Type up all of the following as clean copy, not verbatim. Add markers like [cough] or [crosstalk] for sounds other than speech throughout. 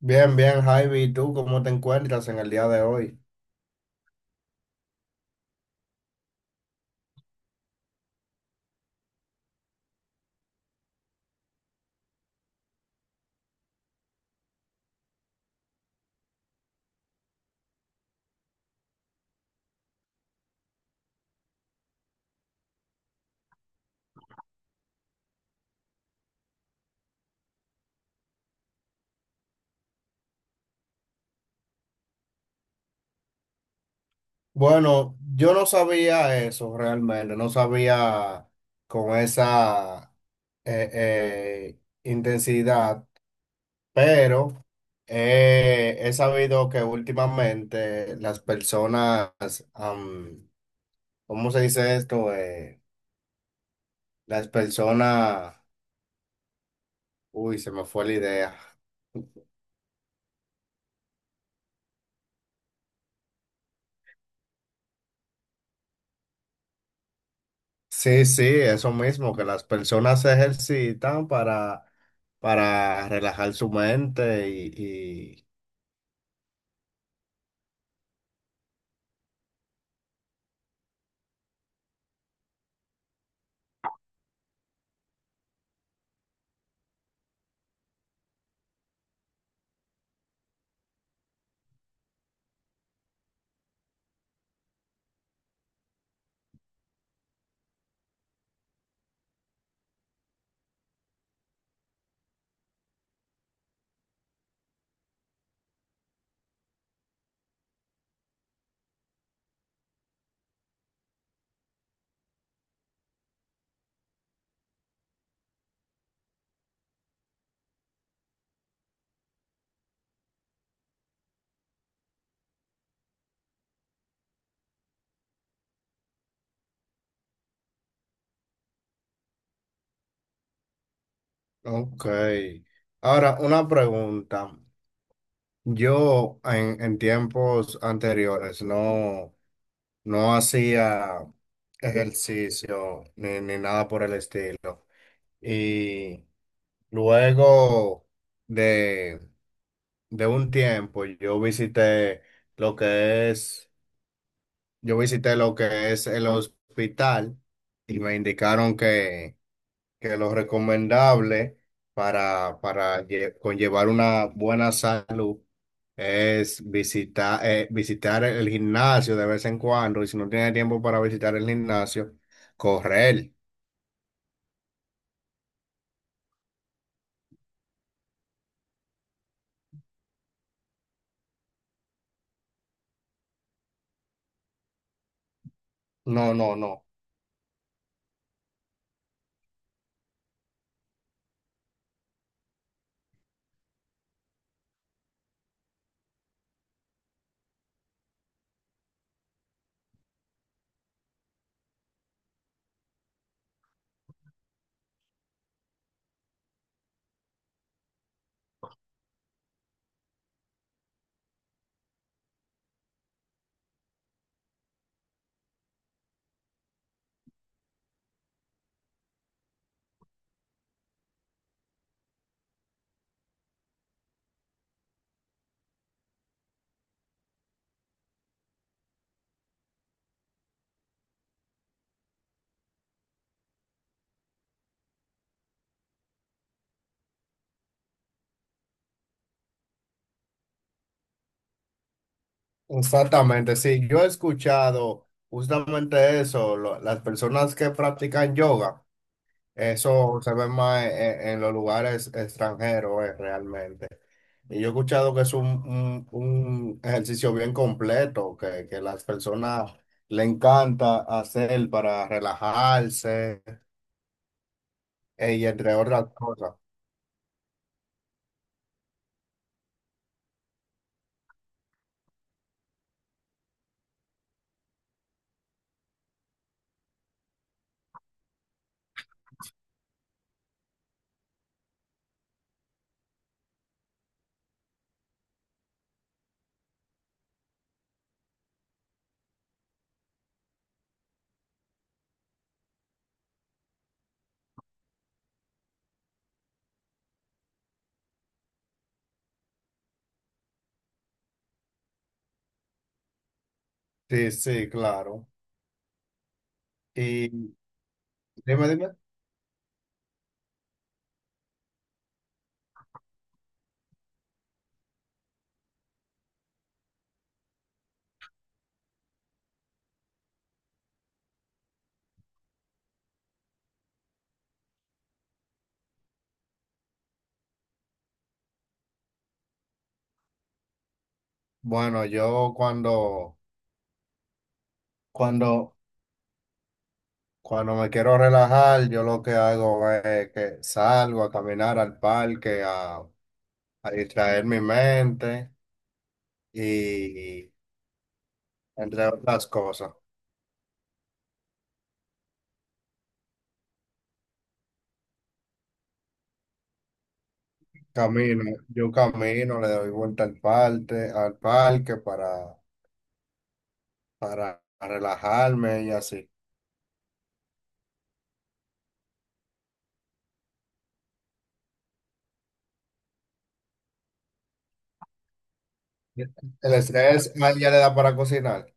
Bien, bien, Javi, ¿y tú cómo te encuentras en el día de hoy? Bueno, yo no sabía eso realmente, no sabía con esa eh, eh, intensidad, pero he sabido que últimamente las personas, am, ¿cómo se dice esto? Las personas, uy, se me fue la idea. Sí, sí, eso mismo, que las personas se ejercitan para relajar su mente y. Ok. Ahora, una pregunta. Yo en tiempos anteriores no, no hacía ejercicio ni nada por el estilo. Y luego de, de un tiempo lo que es Yo visité lo que es el hospital y me indicaron que lo recomendable para conllevar una buena salud es visitar el gimnasio de vez en cuando, y si no tiene tiempo para visitar el gimnasio, correr. No, no, no. Exactamente, sí. Yo he escuchado justamente eso, las personas que practican yoga. Eso se ve más en los lugares extranjeros, realmente. Y yo he escuchado que es un ejercicio bien completo, que las personas le encanta hacer para relajarse, y entre otras cosas. Sí, sí, claro. Y dime, dime. Bueno, yo cuando, cuando me quiero relajar, yo lo que hago es que salgo a caminar al parque, a distraer mi mente. Y entre otras cosas. Camino, yo camino, le doy vuelta al parque, para relajarme y así. El estrés a ella le da para cocinar.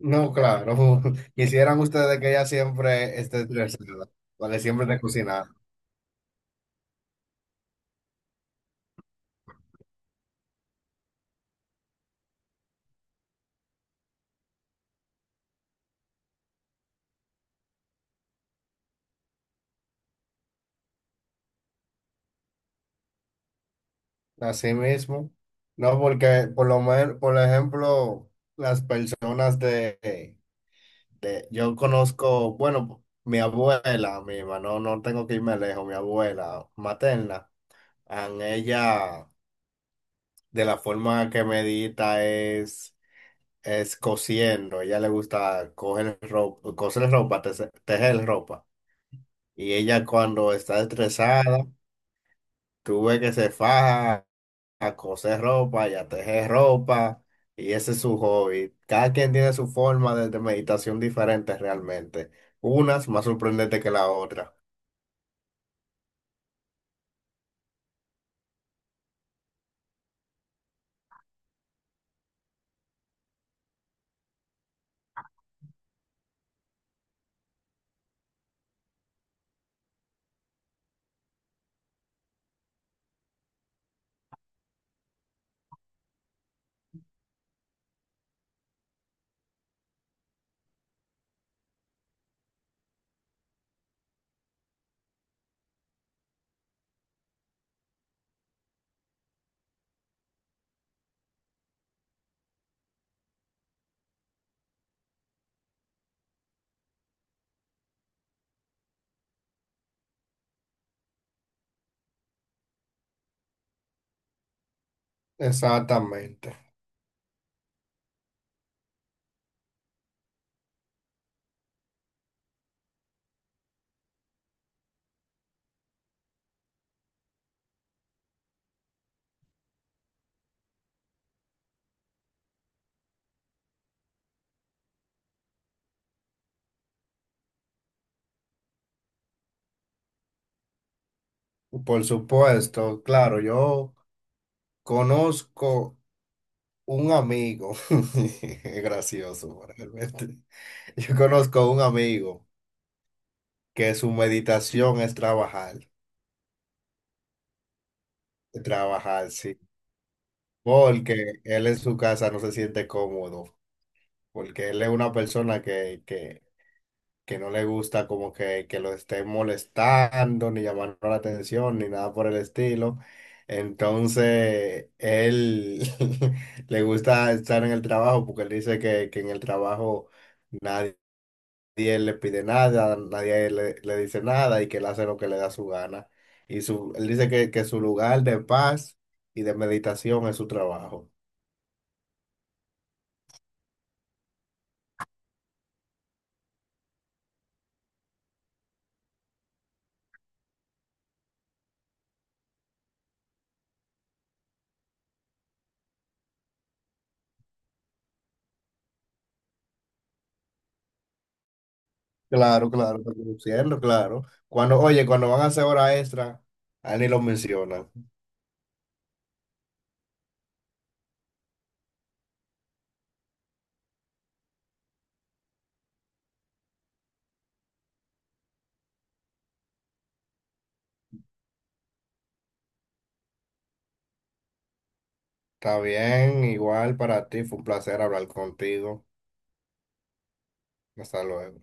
No, claro. [laughs] Quisieran ustedes que ella siempre esté estresada, porque siempre esté cocinando. Así mismo. No, porque por lo menos, por ejemplo, las personas de yo conozco, bueno, mi abuela misma, no, no tengo que irme lejos, mi abuela materna, an ella, de la forma que medita es cosiendo. Ella le gusta coger ropa, coser ropa, tejer ropa, y ella cuando está estresada, tú ves que se faja a coser ropa y a tejer ropa, y ese es su hobby. Cada quien tiene su forma de meditación diferente realmente, unas más sorprendentes que la otra. Exactamente. Por supuesto, claro, yo conozco un amigo, [laughs] es gracioso realmente. Yo conozco un amigo que su meditación es trabajar, trabajar, sí, porque él en su casa no se siente cómodo, porque él es una persona que no le gusta como que lo estén molestando, ni llamando la atención, ni nada por el estilo. Entonces, él [laughs] le gusta estar en el trabajo porque él dice que en el trabajo nadie le pide nada, nadie le dice nada, y que él hace lo que le da su gana. Él dice que su lugar de paz y de meditación es su trabajo. Claro, claro, está produciendo, claro. Oye, cuando van a hacer hora extra, a él ni lo mencionan. Está bien, igual para ti, fue un placer hablar contigo. Hasta luego.